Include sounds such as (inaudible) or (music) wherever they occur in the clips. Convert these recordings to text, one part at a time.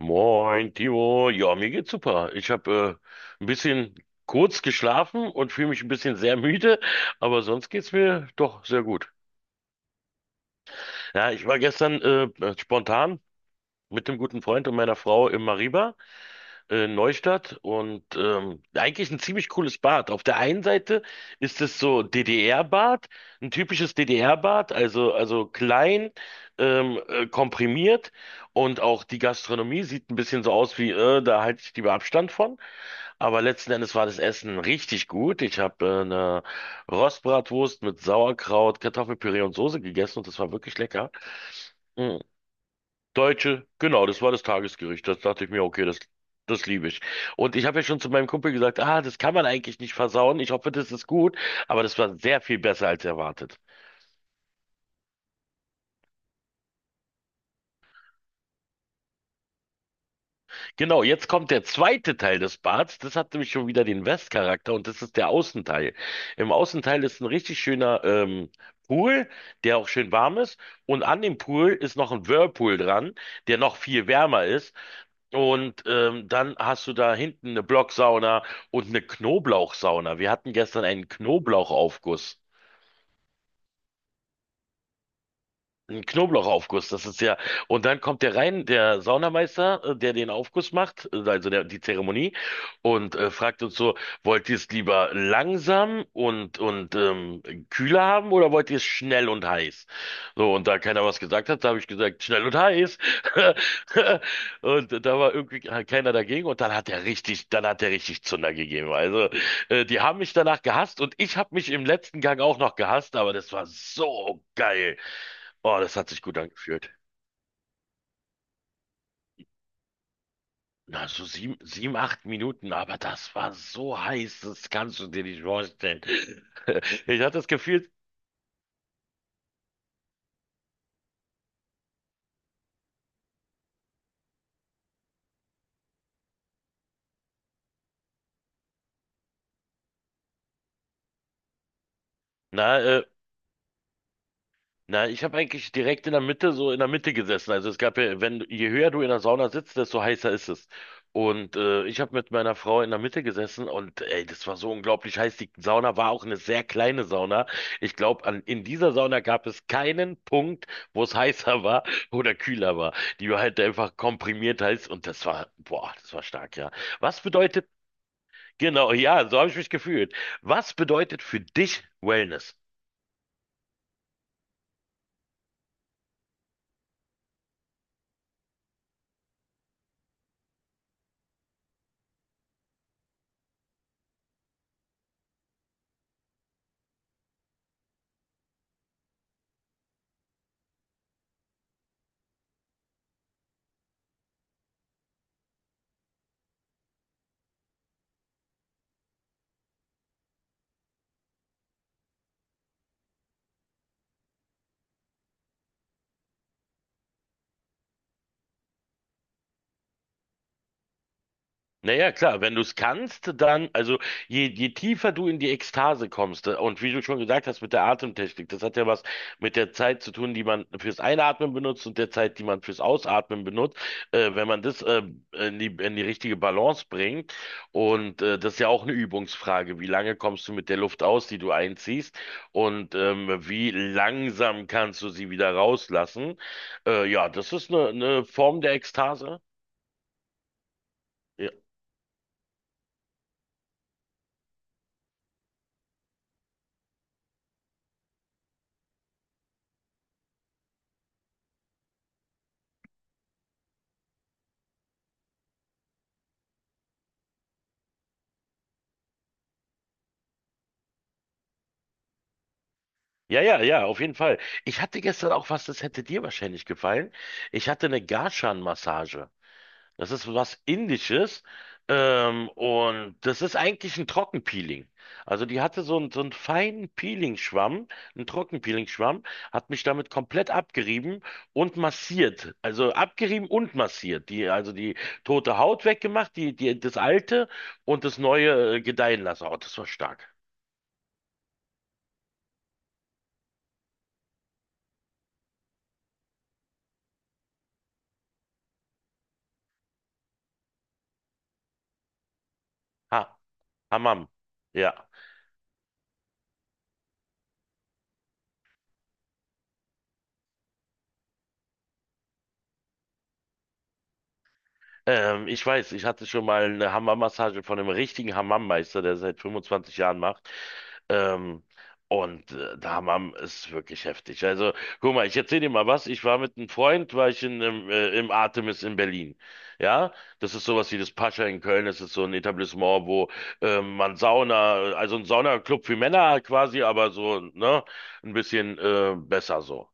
Moin, Timo. Ja, mir geht's super. Ich habe ein bisschen kurz geschlafen und fühle mich ein bisschen sehr müde, aber sonst geht's mir doch sehr gut. Ja, ich war gestern spontan mit dem guten Freund und meiner Frau im Mariba Neustadt und eigentlich ein ziemlich cooles Bad. Auf der einen Seite ist es so DDR-Bad, ein typisches DDR-Bad, also klein, komprimiert und auch die Gastronomie sieht ein bisschen so aus wie, da halte ich lieber Abstand von. Aber letzten Endes war das Essen richtig gut. Ich habe eine Rostbratwurst mit Sauerkraut, Kartoffelpüree und Soße gegessen und das war wirklich lecker. Mm. Deutsche, genau, das war das Tagesgericht. Das dachte ich mir, okay, das liebe ich. Und ich habe ja schon zu meinem Kumpel gesagt, ah, das kann man eigentlich nicht versauen. Ich hoffe, das ist gut. Aber das war sehr viel besser als erwartet. Genau, jetzt kommt der zweite Teil des Bads. Das hat nämlich schon wieder den Westcharakter und das ist der Außenteil. Im Außenteil ist ein richtig schöner Pool, der auch schön warm ist. Und an dem Pool ist noch ein Whirlpool dran, der noch viel wärmer ist. Und dann hast du da hinten eine Blocksauna und eine Knoblauchsauna. Wir hatten gestern einen Knoblauchaufguss. Ein Knoblauchaufguss, das ist ja. Und dann kommt der rein, der Saunameister, der den Aufguss macht, also der, die Zeremonie, und fragt uns so, wollt ihr es lieber langsam und kühler haben oder wollt ihr es schnell und heiß? So, und da keiner was gesagt hat, da habe ich gesagt, schnell und heiß. (laughs) Und da war irgendwie halt keiner dagegen und dann hat er richtig, dann hat er richtig Zunder gegeben. Also, die haben mich danach gehasst und ich habe mich im letzten Gang auch noch gehasst, aber das war so geil. Oh, das hat sich gut angefühlt. Na, so sieben, acht Minuten, aber das war so heiß, das kannst du dir nicht vorstellen. (laughs) Ich hatte das Gefühl, na, Na, ich habe eigentlich direkt in der Mitte, so in der Mitte gesessen. Also es gab ja, wenn, je höher du in der Sauna sitzt, desto heißer ist es. Und ich habe mit meiner Frau in der Mitte gesessen und ey, das war so unglaublich heiß. Die Sauna war auch eine sehr kleine Sauna. Ich glaube, an in dieser Sauna gab es keinen Punkt, wo es heißer war (laughs) oder kühler war. Die war halt einfach komprimiert heiß und das war, boah, das war stark, ja. Was bedeutet, genau, ja, so habe ich mich gefühlt. Was bedeutet für dich Wellness? Naja, klar, wenn du es kannst, dann, also je tiefer du in die Ekstase kommst, und wie du schon gesagt hast mit der Atemtechnik, das hat ja was mit der Zeit zu tun, die man fürs Einatmen benutzt und der Zeit, die man fürs Ausatmen benutzt, wenn man das in die richtige Balance bringt. Und das ist ja auch eine Übungsfrage, wie lange kommst du mit der Luft aus, die du einziehst, und wie langsam kannst du sie wieder rauslassen. Ja, das ist eine Form der Ekstase. Ja. Ja, auf jeden Fall. Ich hatte gestern auch was, das hätte dir wahrscheinlich gefallen. Ich hatte eine Garshan-Massage. Das ist was Indisches. Und das ist eigentlich ein Trockenpeeling. Also die hatte so einen feinen Peeling-Schwamm, einen Trockenpeeling-Schwamm, hat mich damit komplett abgerieben und massiert. Also abgerieben und massiert. Also die tote Haut weggemacht, das alte und das neue gedeihen lassen. Oh, das war stark. Ha, Hammam. Ja. Ich weiß, ich hatte schon mal eine Hammam-Massage von einem richtigen Hammam-Meister, der seit 25 Jahren macht. Ähm, Der Hammam ist wirklich heftig. Also, guck mal, ich erzähle dir mal was. Ich war mit einem Freund, war ich im Artemis in Berlin. Ja, das ist sowas wie das Pascha in Köln. Das ist so ein Etablissement, wo man Sauna, also ein Saunaclub für Männer halt quasi, aber so, ne, ein bisschen besser so.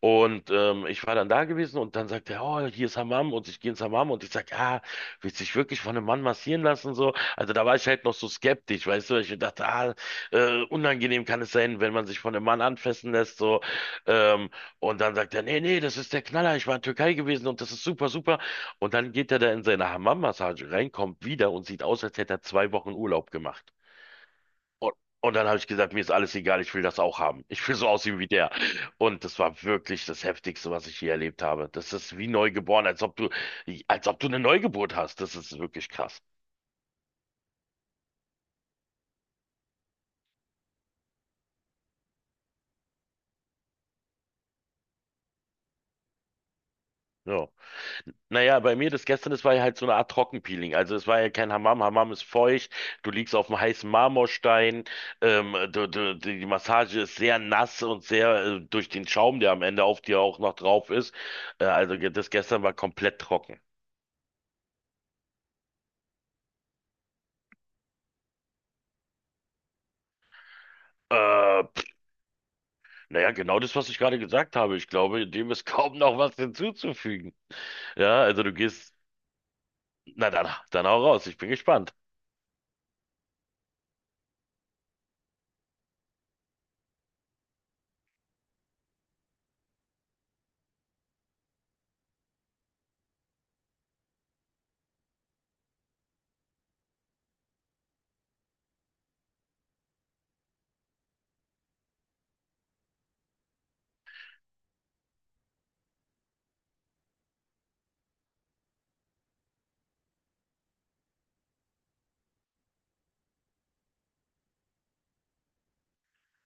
Und ich war dann da gewesen und dann sagt er, oh, hier ist Hammam und ich gehe ins Hammam und ich sag, ja, willst dich wirklich von einem Mann massieren lassen so? Also da war ich halt noch so skeptisch, weißt du, weil ich mir dachte, ah, unangenehm kann es sein, wenn man sich von einem Mann anfassen lässt so. Ähm, und dann sagt er, nee, das ist der Knaller, ich war in Türkei gewesen und das ist super, super. Und dann geht er da in seine Hammam-Massage rein, kommt wieder und sieht aus, als hätte er zwei Wochen Urlaub gemacht. Und, und dann habe ich gesagt, mir ist alles egal, ich will das auch haben. Ich will so aussehen wie der. Und das war wirklich das Heftigste, was ich je erlebt habe. Das ist wie neugeboren, als ob du eine Neugeburt hast. Das ist wirklich krass. Ja. Naja, bei mir das gestern, das war ja halt so eine Art Trockenpeeling. Also es war ja kein Hammam. Hammam ist feucht, du liegst auf dem heißen Marmorstein, die Massage ist sehr nass und sehr durch den Schaum, der am Ende auf dir auch noch drauf ist. Das gestern war komplett trocken. Äh, Naja, genau das, was ich gerade gesagt habe. Ich glaube, dem ist (laughs) kaum noch was hinzuzufügen. Ja, also du gehst, na dann, dann auch raus. Ich bin gespannt.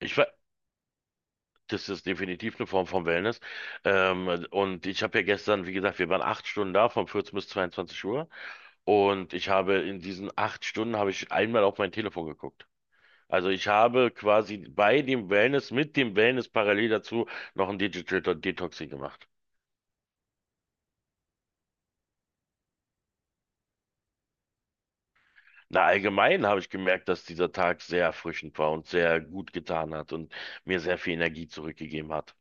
Ich, we- Das ist definitiv eine Form von Wellness. Und ich habe ja gestern, wie gesagt, wir waren acht Stunden da, von 14 bis 22 Uhr. Und ich habe in diesen acht Stunden habe ich einmal auf mein Telefon geguckt. Also ich habe quasi mit dem Wellness parallel dazu noch ein Digital Detoxing gemacht. Na, allgemein habe ich gemerkt, dass dieser Tag sehr erfrischend war und sehr gut getan hat und mir sehr viel Energie zurückgegeben hat.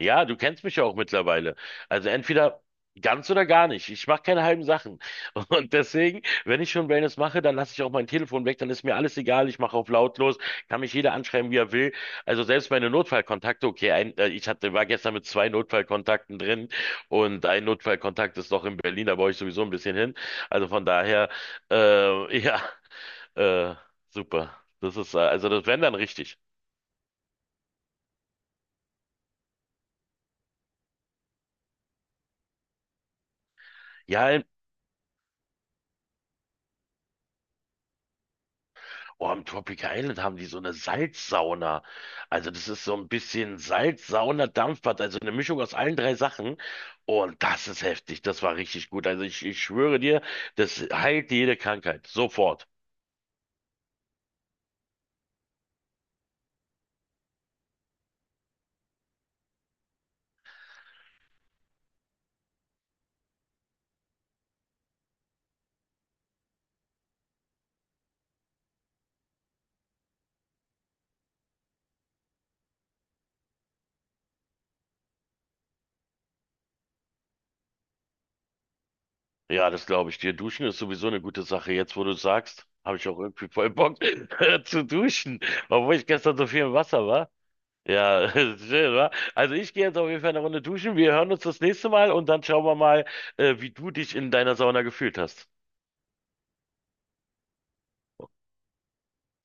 Ja, du kennst mich ja auch mittlerweile. Also entweder ganz oder gar nicht. Ich mache keine halben Sachen. (laughs) Und deswegen, wenn ich schon Wellness mache, dann lasse ich auch mein Telefon weg, dann ist mir alles egal. Ich mache auf lautlos, kann mich jeder anschreiben, wie er will. Also selbst meine Notfallkontakte, okay, war gestern mit zwei Notfallkontakten drin und ein Notfallkontakt ist noch in Berlin, da brauche ich sowieso ein bisschen hin. Also von daher, (laughs) ja. Äh, Super. Das ist, also das wären dann richtig. Ja, im, oh, im Tropical Island haben die so eine Salzsauna. Also das ist so ein bisschen Salzsauna, Dampfbad, also eine Mischung aus allen drei Sachen. Und das ist heftig. Das war richtig gut. Also ich schwöre dir, das heilt jede Krankheit. Sofort. Ja, das glaube ich dir. Duschen ist sowieso eine gute Sache. Jetzt, wo du sagst, habe ich auch irgendwie voll Bock (laughs) zu duschen, obwohl ich gestern so viel im Wasser war. Ja, (laughs) schön, wa? Also ich gehe jetzt auf jeden Fall eine Runde duschen. Wir hören uns das nächste Mal und dann schauen wir mal, wie du dich in deiner Sauna gefühlt hast.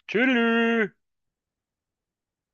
Tschüss.